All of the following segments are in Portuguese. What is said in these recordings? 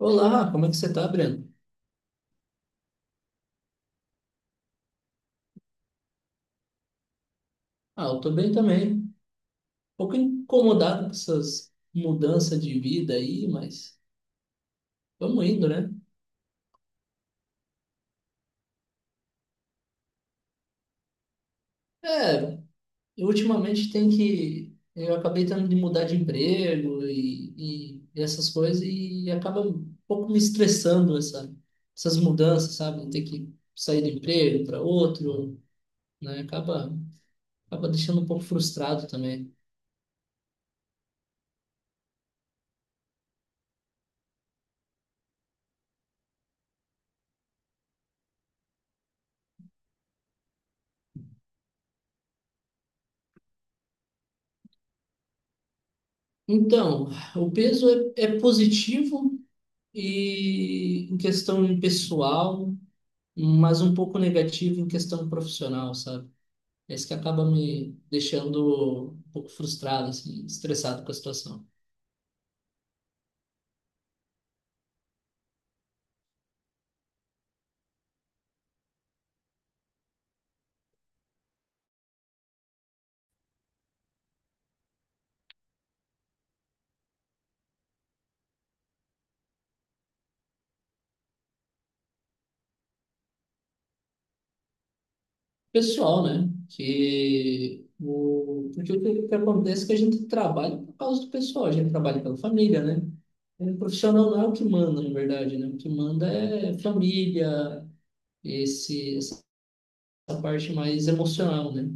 Olá, como é que você tá, Breno? Ah, eu tô bem também. Um pouco incomodado com essas mudanças de vida aí, mas vamos indo, né? É, eu ultimamente tem que. Eu acabei tendo de mudar de emprego e essas coisas, e acaba um pouco me estressando essas mudanças, sabe? Ter que sair do emprego para outro, né? Acaba deixando um pouco frustrado também. Então, o peso é positivo e em questão pessoal, mas um pouco negativo em questão profissional, sabe? É isso que acaba me deixando um pouco frustrado, assim, estressado com a situação. Pessoal, né? Que o... Porque o que que acontece é que a gente trabalha por causa do pessoal, a gente trabalha pela família, né? É, o profissional não é o que manda, na verdade, né? O que manda é família, essa parte mais emocional, né?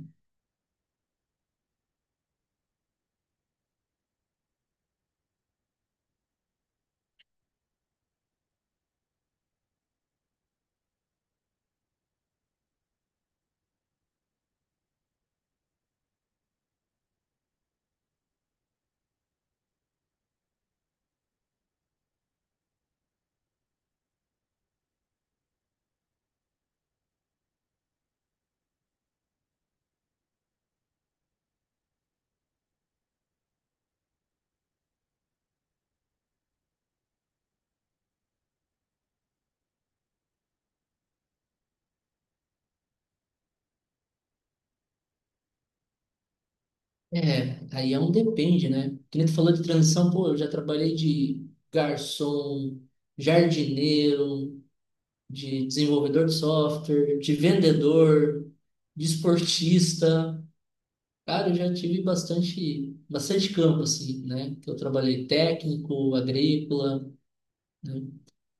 É, aí é um depende, né? Que nem tu falou de transição, pô, eu já trabalhei de garçom, jardineiro, de desenvolvedor de software, de vendedor, de esportista. Cara, eu já tive bastante, bastante campo, assim, né? Que eu trabalhei técnico, agrícola, né?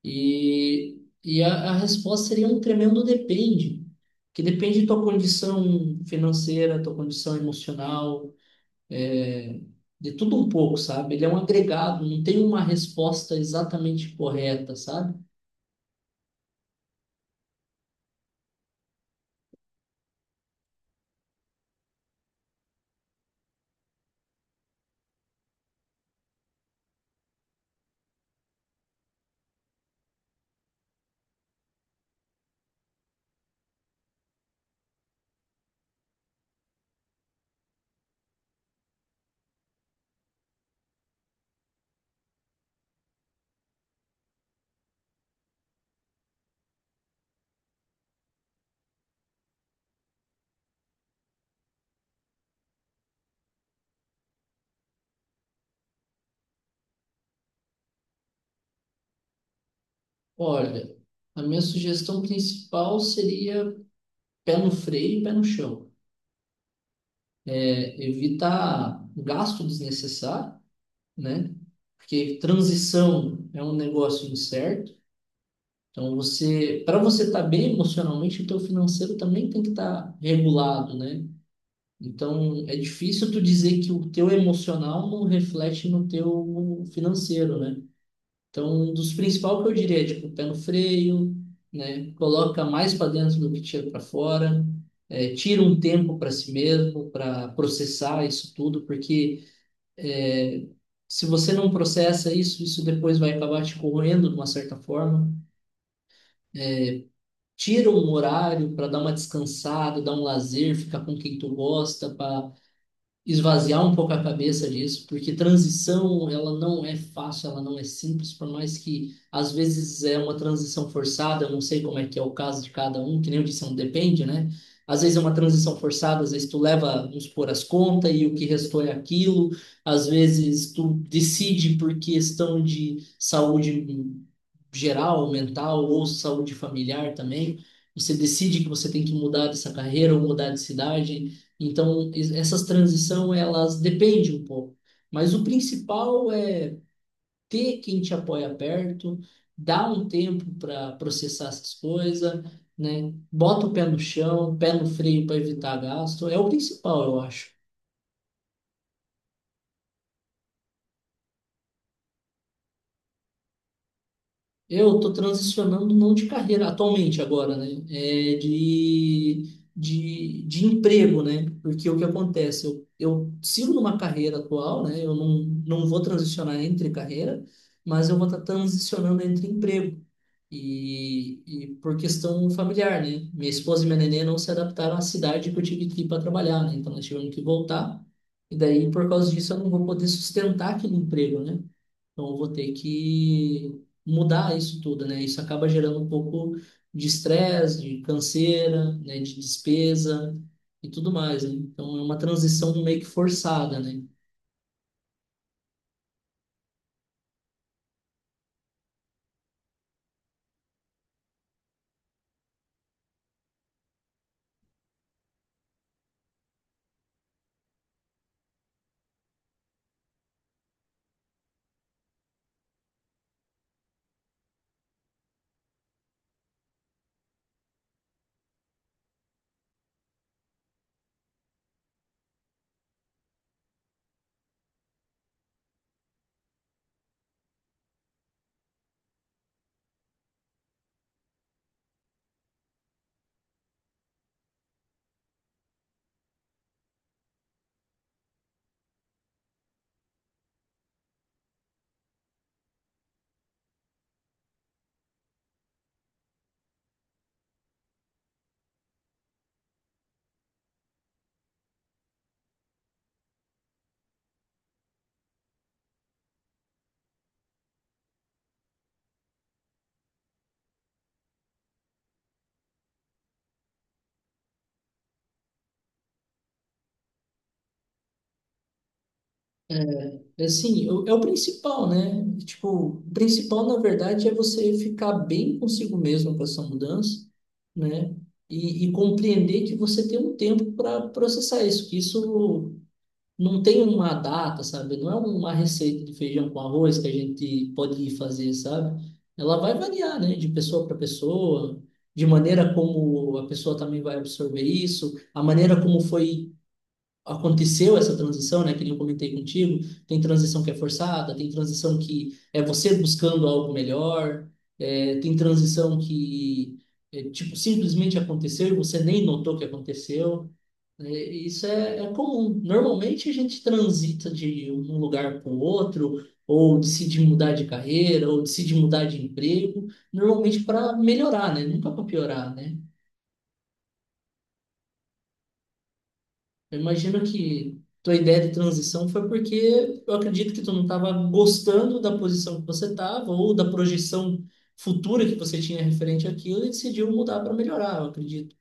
E, e a resposta seria um tremendo depende, que depende da tua condição financeira, tua condição emocional é, de tudo um pouco, sabe? Ele é um agregado, não tem uma resposta exatamente correta, sabe? Olha, a minha sugestão principal seria pé no freio e pé no chão. É, evitar gasto desnecessário, né? Porque transição é um negócio incerto. Então você, para você estar bem emocionalmente, o teu financeiro também tem que estar regulado, né? Então, é difícil tu dizer que o teu emocional não reflete no teu financeiro, né? Então, um dos principais que eu diria é, tipo, pé no freio, né? Coloca mais para dentro do que tira para fora. É, tira um tempo para si mesmo, para processar isso tudo, porque é, se você não processa isso, isso depois vai acabar te corroendo de uma certa forma. Tira um horário para dar uma descansada, dar um lazer, ficar com quem tu gosta, para esvaziar um pouco a cabeça disso, porque transição, ela não é fácil, ela não é simples, por mais que às vezes é uma transição forçada, eu não sei como é que é o caso de cada um, que nem eu disse, não depende, né? Às vezes é uma transição forçada, às vezes tu leva, vamos supor, as contas e o que restou é aquilo, às vezes tu decide por questão de saúde geral, mental ou saúde familiar também. Você decide que você tem que mudar dessa carreira ou mudar de cidade. Então, essas transição elas dependem um pouco. Mas o principal é ter quem te apoia perto, dar um tempo para processar essas coisas, né? Bota o pé no chão, pé no freio para evitar gasto. É o principal, eu acho. Eu estou transicionando não de carreira atualmente agora, né? É de emprego, né? Porque o que acontece? Eu sigo numa carreira atual, né? Eu não, não vou transicionar entre carreira, mas eu vou estar transicionando entre emprego. E por questão familiar, né? Minha esposa e minha nenê não se adaptaram à cidade que eu tive que ir para trabalhar, né? Então nós tivemos que voltar. E daí, por causa disso, eu não vou poder sustentar aquele emprego, né? Então, eu vou ter que mudar isso tudo, né? Isso acaba gerando um pouco de estresse, de canseira, né? De despesa e tudo mais, né? Então, é uma transição meio que forçada, né? É assim, é o principal, né? Tipo, o principal, na verdade, é você ficar bem consigo mesmo com essa mudança, né? E compreender que você tem um tempo para processar isso, que isso não tem uma data, sabe? Não é uma receita de feijão com arroz que a gente pode ir fazer, sabe? Ela vai variar, né? De pessoa para pessoa, de maneira como a pessoa também vai absorver isso, a maneira como foi aconteceu essa transição, né? Que nem eu comentei contigo, tem transição que é forçada, tem transição que é você buscando algo melhor, é, tem transição que é, tipo simplesmente aconteceu e você nem notou que aconteceu né? É comum. Normalmente a gente transita de um lugar para o outro, ou decide mudar de carreira, ou decide mudar de emprego, normalmente para melhorar, né? Nunca para piorar, né? Eu imagino que tua ideia de transição foi porque eu acredito que tu não estava gostando da posição que você estava, ou da projeção futura que você tinha referente àquilo, e decidiu mudar para melhorar, eu acredito.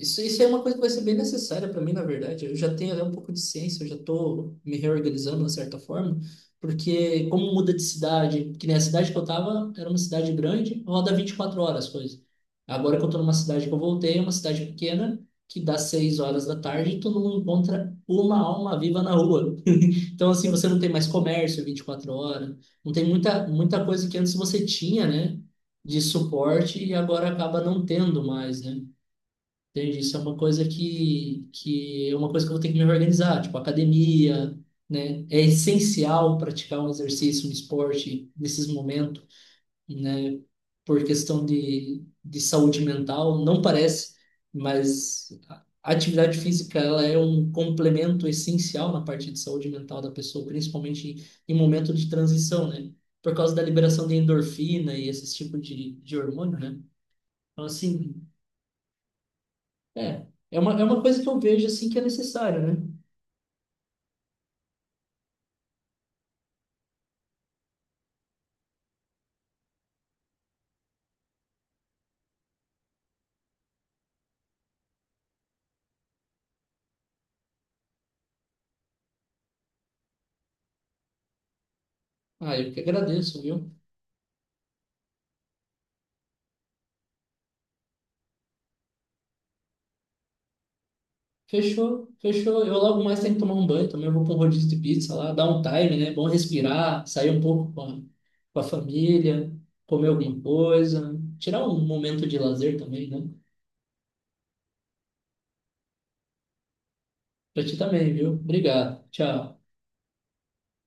Isso é uma coisa que vai ser bem necessária para mim, na verdade. Eu já tenho até um pouco de ciência, eu já estou me reorganizando, de certa forma, porque como muda de cidade, que nem a cidade que eu estava, era uma cidade grande, roda 24 horas as coisas. Agora que eu estou numa cidade que eu voltei, é uma cidade pequena, que dá 6 horas da tarde e tu não encontra uma alma viva na rua. Então, assim, você não tem mais comércio 24 horas, não tem muita coisa que antes você tinha, né, de suporte e agora acaba não tendo mais, né? Entendi. Isso é uma coisa que é uma coisa que eu vou ter que me organizar, tipo academia, né? É essencial praticar um exercício, um esporte nesses momentos, né? Por questão de saúde mental, não parece, mas a atividade física ela é um complemento essencial na parte de saúde mental da pessoa, principalmente em momento de transição, né? Por causa da liberação de endorfina e esse tipo de hormônio, né? Então, assim, é uma coisa que eu vejo assim que é necessária, né? Ah, eu que agradeço, viu? Fechou, fechou. Eu logo mais tenho que tomar um banho também. Eu vou para um rodízio de pizza lá, dar um time, né? Bom respirar, sair um pouco com a família, comer alguma coisa, tirar um momento de lazer também, né? Pra ti também, viu? Obrigado. Tchau.